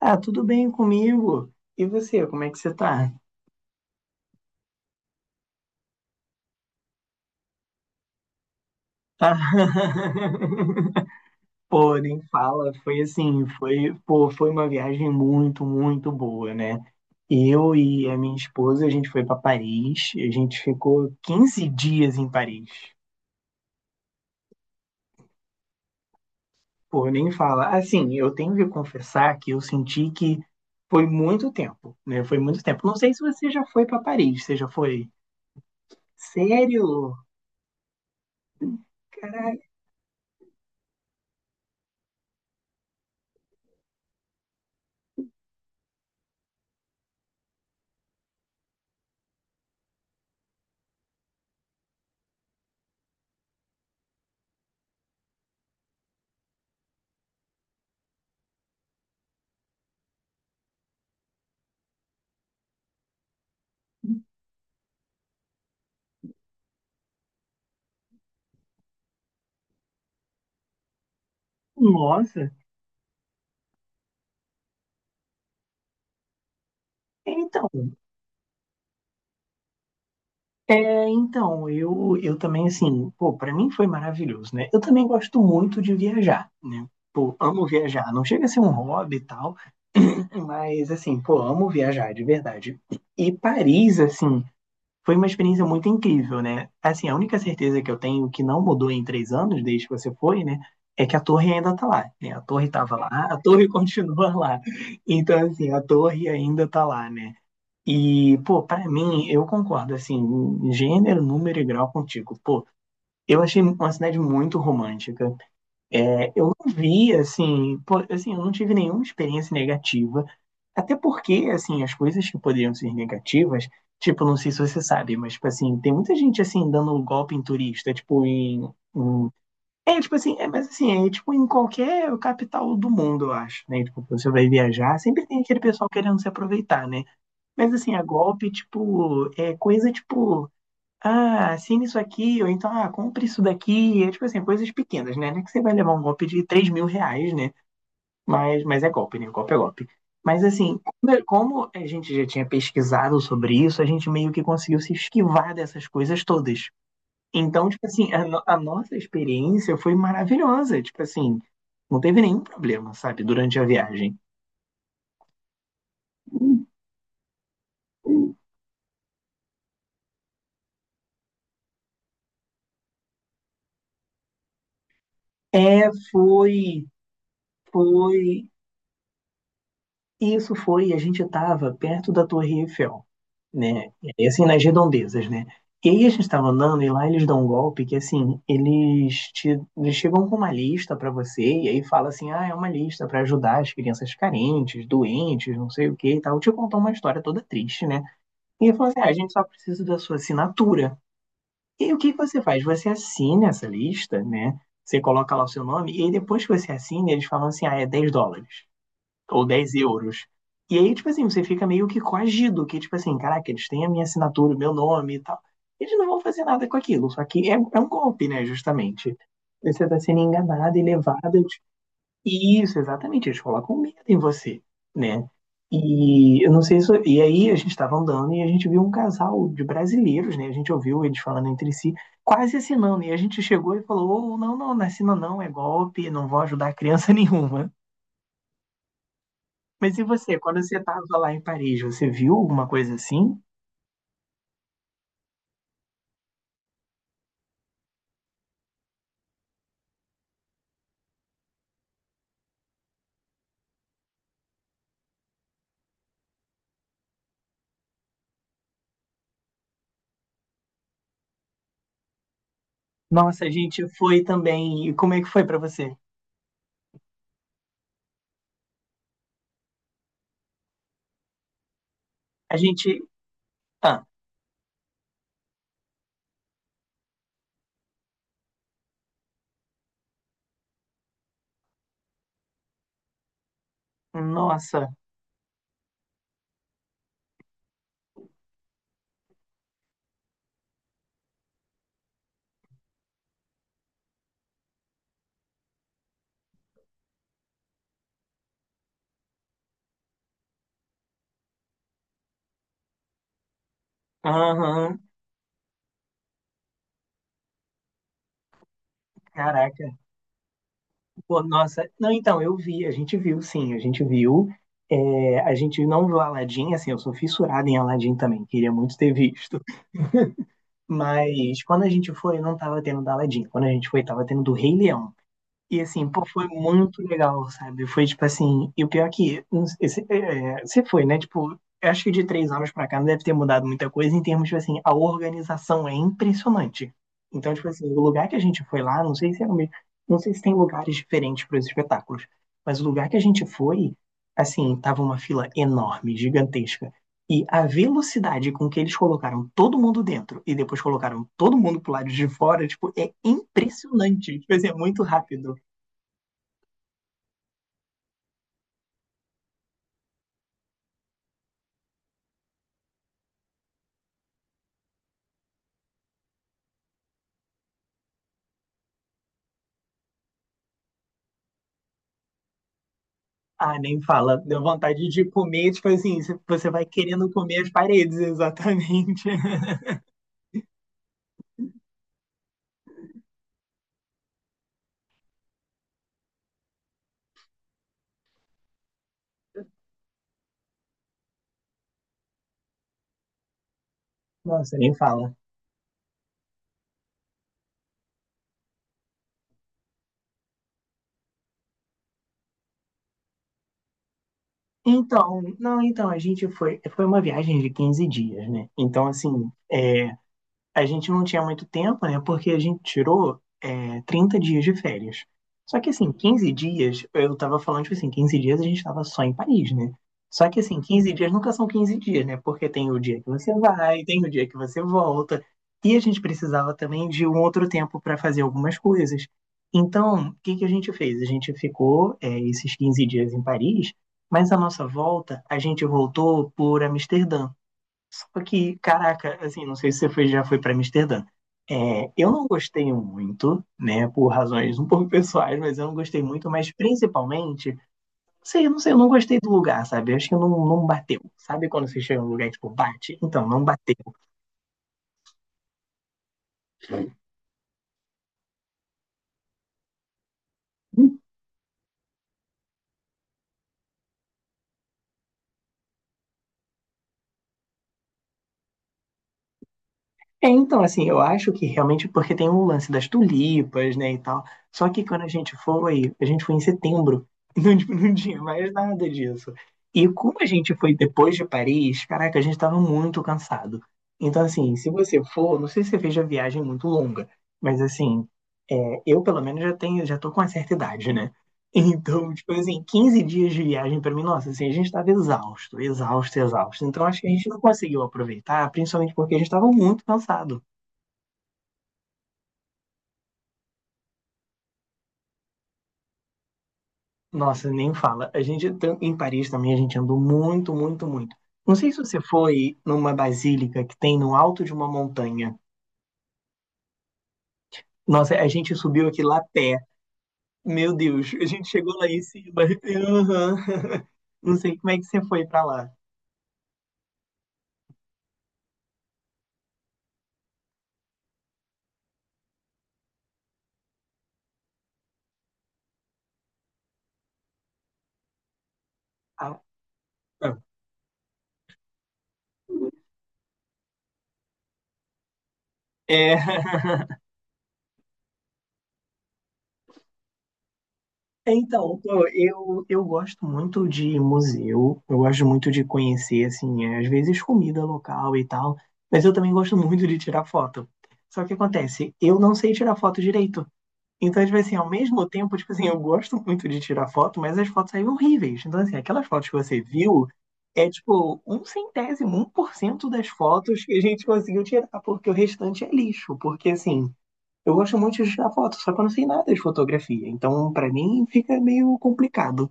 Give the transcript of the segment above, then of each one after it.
Ah, tudo bem comigo? E você, como é que você tá? Tá. Pô, nem fala, foi assim, foi, pô, foi uma viagem muito, muito boa, né? Eu e a minha esposa, a gente foi pra Paris, a gente ficou 15 dias em Paris. Pô, nem fala. Assim, eu tenho que confessar que eu senti que foi muito tempo, né? Foi muito tempo. Não sei se você já foi pra Paris, você já foi? Sério? Caralho, nossa. Então, é, então, eu também, assim, pô, pra mim foi maravilhoso, né? Eu também gosto muito de viajar, né? Pô, amo viajar. Não chega a ser um hobby e tal, mas, assim, pô, amo viajar, de verdade. E Paris, assim, foi uma experiência muito incrível, né? Assim, a única certeza que eu tenho que não mudou em 3 anos, desde que você foi, né? É que a torre ainda tá lá, né? A torre tava lá, a torre continua lá. Então, assim, a torre ainda tá lá, né? E, pô, pra mim, eu concordo, assim, em gênero, número e grau contigo. Pô, eu achei uma cidade muito romântica. É, eu não vi, assim, pô, assim, eu não tive nenhuma experiência negativa. Até porque, assim, as coisas que poderiam ser negativas, tipo, não sei se você sabe, mas, tipo, assim, tem muita gente, assim, dando golpe em turista, tipo, em... em- é, tipo assim, é, mas assim, é tipo em qualquer capital do mundo, eu acho, né? Tipo, você vai viajar, sempre tem aquele pessoal querendo se aproveitar, né? Mas assim, a golpe, tipo, é coisa tipo, ah, assine isso aqui, ou então, ah, compre isso daqui. É tipo assim, coisas pequenas, né? Não é que você vai levar um golpe de 3 mil reais, né? Mas é golpe, né? Golpe é golpe. Mas assim, como a gente já tinha pesquisado sobre isso, a gente meio que conseguiu se esquivar dessas coisas todas. Então, tipo assim, a, no- a nossa experiência foi maravilhosa. Tipo assim, não teve nenhum problema, sabe, durante a viagem. É, foi, foi. Isso foi, a gente estava perto da Torre Eiffel, né? E assim, nas redondezas, né? E aí a gente estava andando e lá eles dão um golpe que, assim, eles, te, eles chegam com uma lista para você e aí fala assim, ah, é uma lista para ajudar as crianças carentes, doentes, não sei o que e tal. Te contou uma história toda triste, né? E ele falou assim, ah, a gente só precisa da sua assinatura. E aí, o que que você faz? Você assina essa lista, né? Você coloca lá o seu nome e aí depois que você assina, eles falam assim, ah, é 10 dólares ou 10 euros. E aí, tipo assim, você fica meio que coagido, que tipo assim, caraca, eles têm a minha assinatura, o meu nome e tal. Eles não vão fazer nada com aquilo, só que é, é um golpe, né, justamente. Você está sendo enganado e levado. Isso, exatamente, eles colocam medo em você, né? E eu não sei se. E aí a gente estava andando e a gente viu um casal de brasileiros, né? A gente ouviu eles falando entre si, quase assinando. E a gente chegou e falou: "Ô, não, não, não assina não, é golpe, não vou ajudar criança nenhuma." Mas e você, quando você estava lá em Paris, você viu alguma coisa assim? Nossa, a gente foi também. E como é que foi pra você? A gente. Ah, nossa. Aham, caraca. Pô, nossa. Não, então, eu vi, a gente viu, sim, a gente viu. É, a gente não viu Aladdin, assim, eu sou fissurado em Aladdin também, queria muito ter visto. Mas quando a gente foi, não tava tendo da Aladdin. Quando a gente foi, tava tendo do Rei Leão. E assim, pô, foi muito legal, sabe? Foi tipo assim, e o pior é que não sei, você é, é, você foi, né? Tipo, eu acho que de 3 anos pra cá não deve ter mudado muita coisa em termos, tipo assim, a organização é impressionante. Então, tipo assim, o lugar que a gente foi lá, não sei se é o mesmo, não sei se tem lugares diferentes para os espetáculos, mas o lugar que a gente foi, assim, tava uma fila enorme, gigantesca. E a velocidade com que eles colocaram todo mundo dentro e depois colocaram todo mundo pro lado de fora, tipo, é impressionante. Tipo assim, é muito rápido. Ah, nem fala. Deu vontade de comer, tipo assim, você vai querendo comer as paredes, exatamente. Nossa, nem fala. Então, não, então, a gente foi, foi uma viagem de 15 dias, né? Então, assim, é, a gente não tinha muito tempo, né? Porque a gente tirou, é, 30 dias de férias. Só que, assim, 15 dias, eu tava falando, tipo assim, 15 dias a gente tava só em Paris, né? Só que, assim, 15 dias nunca são 15 dias, né? Porque tem o dia que você vai, tem o dia que você volta. E a gente precisava também de um outro tempo para fazer algumas coisas. Então, o que que a gente fez? A gente ficou, é, esses 15 dias em Paris, mas a nossa volta, a gente voltou por Amsterdã. Porque, caraca, assim, não sei se você foi, já foi para Amsterdã. É, eu não gostei muito, né, por razões um pouco pessoais, mas eu não gostei muito, mas principalmente, não sei, eu não gostei do lugar, sabe? Eu acho que não, não bateu. Sabe quando você chega em um lugar e, tipo, bate? Então, não bateu. É, então, assim, eu acho que realmente porque tem o lance das tulipas, né, e tal. Só que quando a gente foi em setembro, não, não tinha mais nada disso. E como a gente foi depois de Paris, caraca, a gente tava muito cansado. Então, assim, se você for, não sei se você fez a viagem muito longa, mas assim, é, eu pelo menos já tenho, já tô com uma certa idade, né? Então, tipo assim, 15 dias de viagem pra mim, nossa, assim, a gente tava exausto, exausto, exausto. Então, acho que a gente não conseguiu aproveitar, principalmente porque a gente tava muito cansado. Nossa, nem fala. A gente em Paris também a gente andou muito, muito, muito. Não sei se você foi numa basílica que tem no alto de uma montanha. Nossa, a gente subiu aqui lá a pé. Meu Deus, a gente chegou lá em cima. Aham. Não sei como é que você foi pra lá. Ah, ah. É. Então, pô, eu gosto muito de museu, eu gosto muito de conhecer, assim, é, às vezes comida local e tal, mas eu também gosto muito de tirar foto. Só que acontece, eu não sei tirar foto direito. Então, às vezes, assim, ao mesmo tempo, tipo assim, eu gosto muito de tirar foto, mas as fotos saem horríveis. Então, assim, aquelas fotos que você viu é, tipo, um centésimo, um por cento das fotos que a gente conseguiu tirar, porque o restante é lixo. Porque, assim, eu gosto muito de tirar foto, só que eu não sei nada de fotografia. Então, pra mim, fica meio complicado.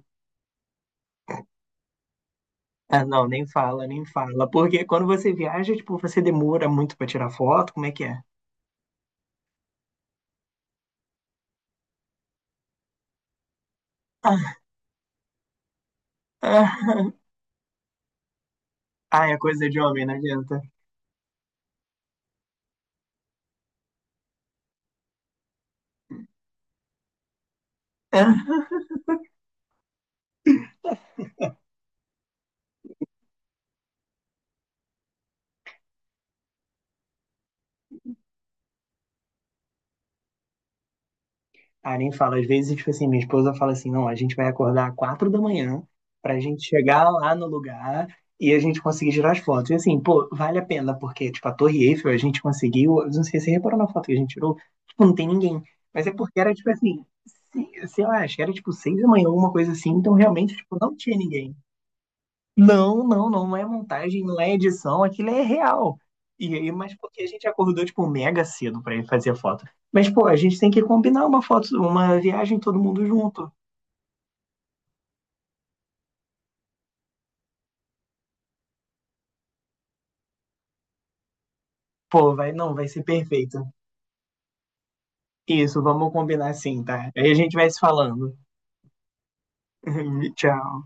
Ah, não, nem fala, nem fala. Porque quando você viaja, tipo, você demora muito pra tirar foto, como é que é? Ah, ah, ah, é coisa de homem, não adianta. Ah, ah, nem falo. Às vezes, tipo assim, minha esposa fala assim, não, a gente vai acordar às 4 da manhã pra gente chegar lá no lugar e a gente conseguir tirar as fotos. E assim, pô, vale a pena, porque, tipo, a Torre Eiffel a gente conseguiu, eu não sei se você reparou na foto que a gente tirou, tipo, não tem ninguém. Mas é porque era, tipo assim, sei lá, acho que era, tipo, 6 da manhã, alguma coisa assim, então realmente, tipo, não tinha ninguém. Não, não, não. Não é montagem, não é edição, aquilo é real. E aí, mas porque a gente acordou, tipo, mega cedo pra ir fazer foto. Mas, pô, a gente tem que combinar uma foto, uma viagem todo mundo junto. Pô, vai, não, vai ser perfeito. Isso, vamos combinar assim, tá? Aí a gente vai se falando. Tchau.